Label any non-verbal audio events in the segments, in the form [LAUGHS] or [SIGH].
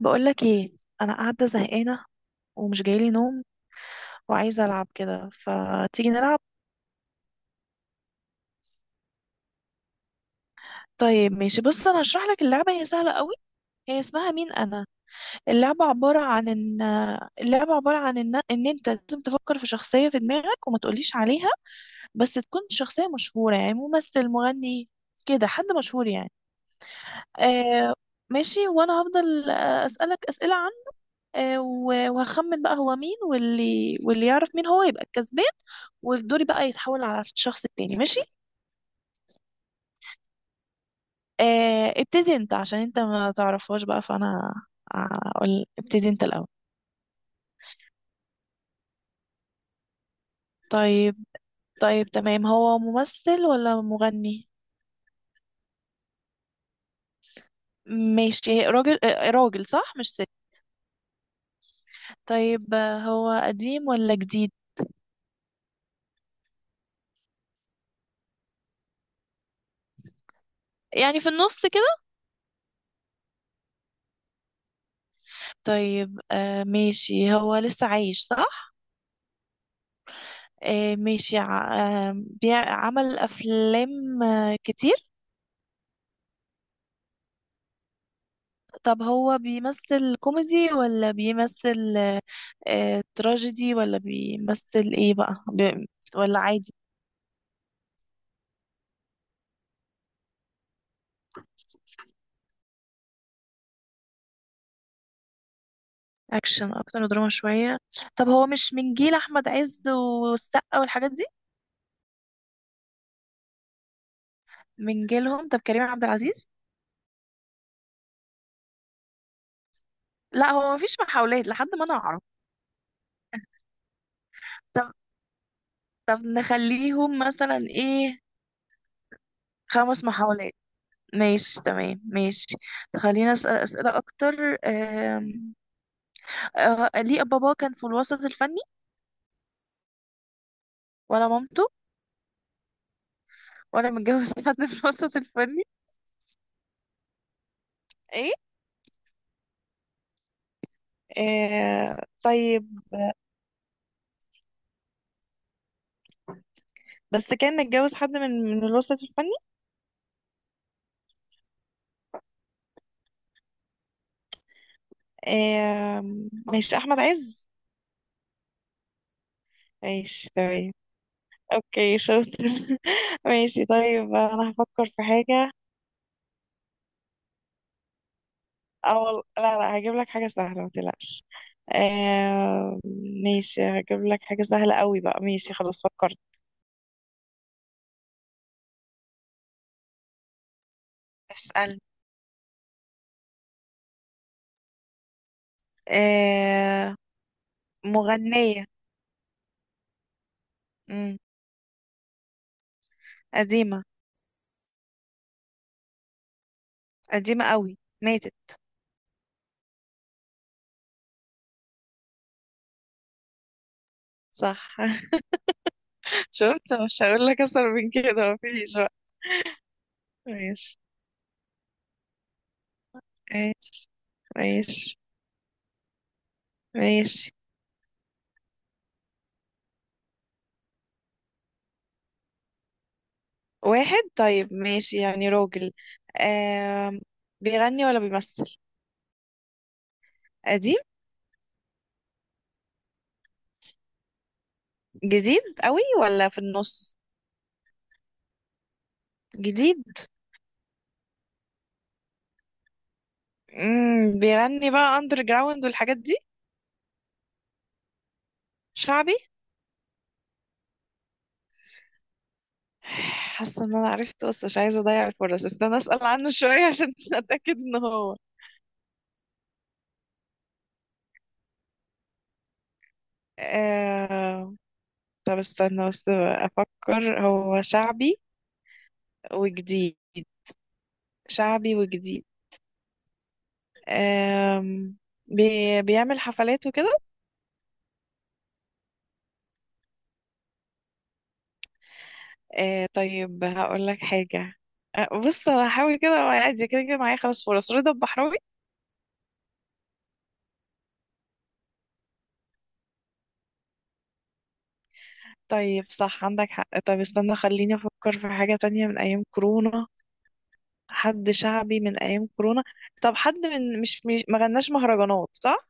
بقولك ايه؟ انا قاعده زهقانه ومش جايلي نوم وعايزه العب كده، فتيجي نلعب. طيب ماشي، بص انا هشرح لك اللعبه، هي سهله قوي. هي اسمها مين انا. اللعبه عباره عن ان اللعبه عباره عن ان انت لازم تفكر في شخصيه في دماغك وما تقوليش عليها، بس تكون شخصيه مشهوره، يعني ممثل، مغني، كده حد مشهور يعني. آه ماشي، وانا هفضل اسالك اسئله عنه. وهخمن بقى هو مين، واللي يعرف مين هو يبقى الكسبان. ودوري بقى يتحول على الشخص التاني، ماشي. آه، ابتدي انت عشان انت ما تعرفهاش بقى، فانا اقول ابتدي انت الاول. طيب. طيب تمام، هو ممثل ولا مغني؟ ماشي، راجل. راجل صح، مش ست؟ طيب. هو قديم ولا جديد؟ يعني في النص كده. طيب ماشي، هو لسه عايش صح؟ آه ماشي. عمل افلام كتير. طب هو بيمثل كوميدي ولا بيمثل تراجيدي، ولا بيمثل ايه بقى، ولا عادي؟ اكشن اكتر، دراما شوية. طب هو مش من جيل احمد عز والسقا والحاجات دي؟ من جيلهم. طب كريم عبد العزيز. لا، هو مفيش محاولات لحد ما انا اعرف. طب طب نخليهم مثلا ايه. خمس محاولات. ماشي تمام ماشي. خلينا أسأل أسئلة أكتر. آم، ليه بابا كان في الوسط الفني؟ ولا مامته؟ ولا متجوز [LAUGHS] حد في الوسط الفني؟ ايه؟ طيب. بس كان متجوز حد من الوسط الفني؟ آه ماشي، احمد عز. ماشي تمام. اوكي شاطر [LAUGHS] ماشي. طيب انا هفكر في حاجة. او لا لا، هجيب لك حاجة سهلة ما تقلقش. آه ماشي، هجيب لك حاجة سهلة قوي بقى، ماشي خلاص فكرت. اسأل. آه. مغنية. مم. قديمة. قديمة قوي، ماتت. صح [LAUGHS] شفت، مش هقول لك اكتر من كده، مفيش بقى. ماشي. ماشي. ماشي. ماشي. واحد، طيب ماشي، يعني راجل. آم... بيغني ولا بيمثل؟ قديم. جديد قوي ولا في النص؟ جديد. بيغني بقى اندر جراوند والحاجات دي. شعبي. حاسه ان انا عرفت، بس مش عايزه اضيع الفرص، استنى اسال عنه شويه عشان [LAUGHS] اتاكد ان هو. آه... طب استنى بس افكر، هو شعبي وجديد. شعبي وجديد. آم، بيعمل حفلات وكده. طيب هقول لك حاجة. بص أنا هحاول كده، وأنا قاعد كده كده معايا خمس فرص. رضا البحراوي. طيب صح عندك حق. طب استنى خليني أفكر في حاجة تانية من أيام كورونا. حد شعبي من أيام كورونا. طب حد من مش ما غناش مهرجانات صح؟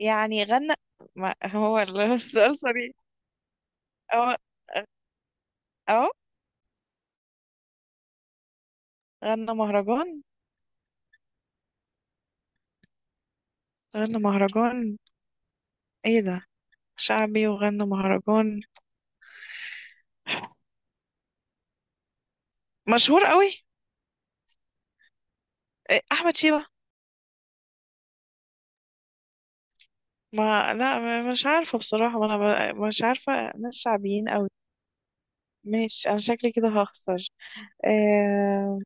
يعني غنى. ما هو [LAUGHS] السؤال صريح. أهو. أهو. غنى مهرجان. غنى مهرجان. إيه ده. شعبي وغنى مهرجان. مشهور قوي. إيه، احمد شيبة. ما لا مش عارفة بصراحة، ما انا مش عارفة ناس شعبيين قوي. ماشي، انا شكلي كده هخسر. آه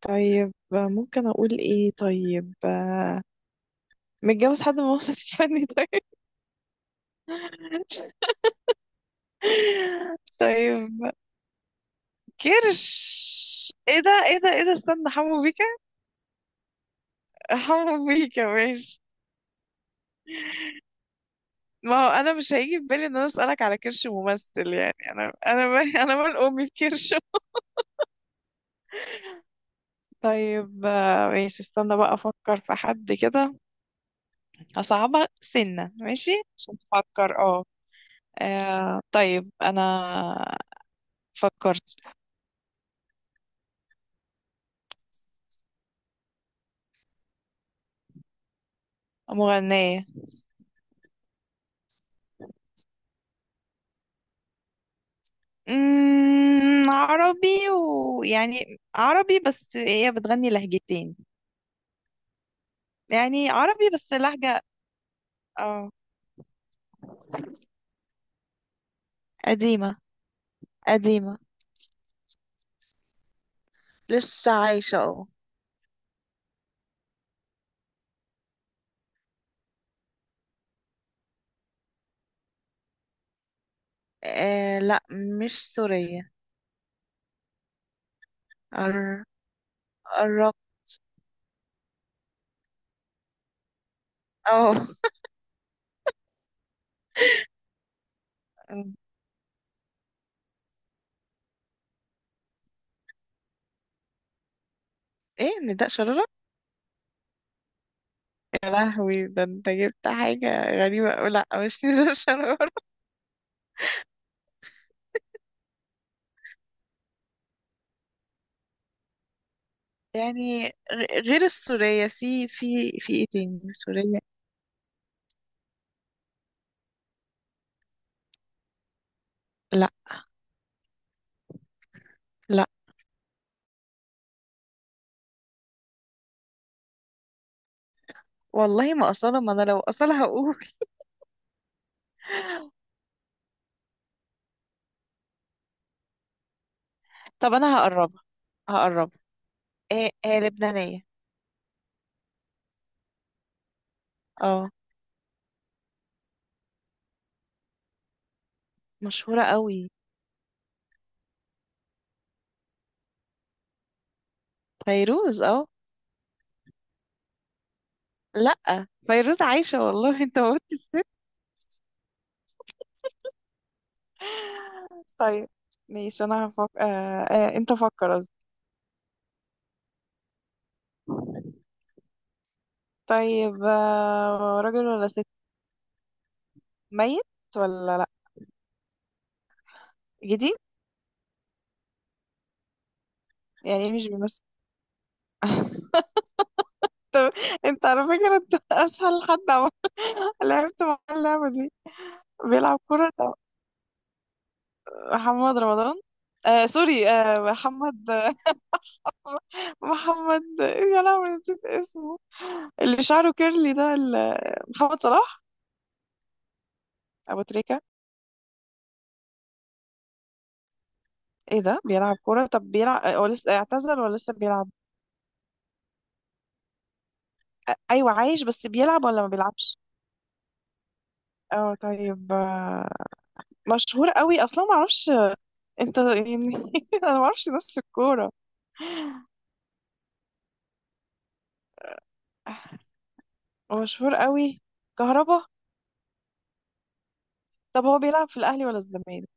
طيب ممكن اقول ايه طيب. متجوز حد من وسط الفني طيب. [LAUGHS] طيب. كرش؟ ايه ده ايه ده ايه ده استنى، حمو بيكا. حمو بيكا، ماشي. ما هو انا مش هيجي في بالي ان انا اسالك على كرش ممثل يعني، انا [LAUGHS] انا مال امي بكرش. طيب. ماشي، استنى بقى افكر في حد كده. اصعبها سنة، ماشي. عشان تفكر اه. طيب انا فكرت. مغنية. عربي، ويعني عربي بس هي بتغني لهجتين. يعني عربي بس لهجة. اه. قديمة. قديمة. لسه عايشة اه. لا، مش سورية. قر- قربت. اه. [LAUGHS] ايه، نداء شرارة؟ يا لهوي، ده انت جبت حاجة غريبة أوي. لا، مش [LAUGHS] نيللي الشرار. يعني غير السورية في ايه تاني سورية؟ لا. لا والله، ما أصالة، ما أنا لو أصالة هقول. [LAUGHS] طب أنا هقربها. هقربها. ايه ايه، لبنانية. اه. مشهورة أوي. فيروز اه. لا، فيروز عايشة والله [LAUGHS] انت قلت. طيب. ماشي أنا هفكر آه. انت فكر قصدي. طيب، راجل ولا ست؟ ميت ولا لا؟ جديد. يعني إيه مش بيمثل؟ طب انت على فكرة انت [LAUGHS] اسهل حد [LAUGHS] لعبت مع اللعبة دي. بيلعب كرة ده. محمد رمضان. سوري، محمد. محمد، يا لهوي نسيت اسمه. اللي شعره كيرلي ده محمد صلاح. ابو تريكة. ايه ده، بيلعب كرة. طب بيلعب، هو لسه اعتزل ولا لسه بيلعب؟ ايوه عايش، بس بيلعب ولا ما بيلعبش؟ اه طيب. مشهور قوي اصلا، ما اعرفش انت يعني. [LAUGHS] انا ما اعرفش ناس في الكورة. هو مشهور قوي؟ كهربا. طب هو بيلعب في الاهلي ولا الزمالك؟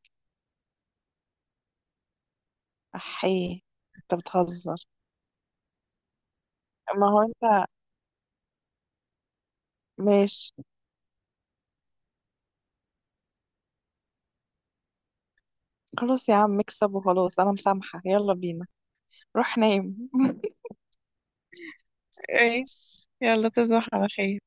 احيه. انت بتهزر، ما هو انت. ماشي. خلاص يا عم، اكسب وخلاص، انا مسامحة، يلا بينا. روح نام [LAUGHS] ماشي، يلا تصبح على خير.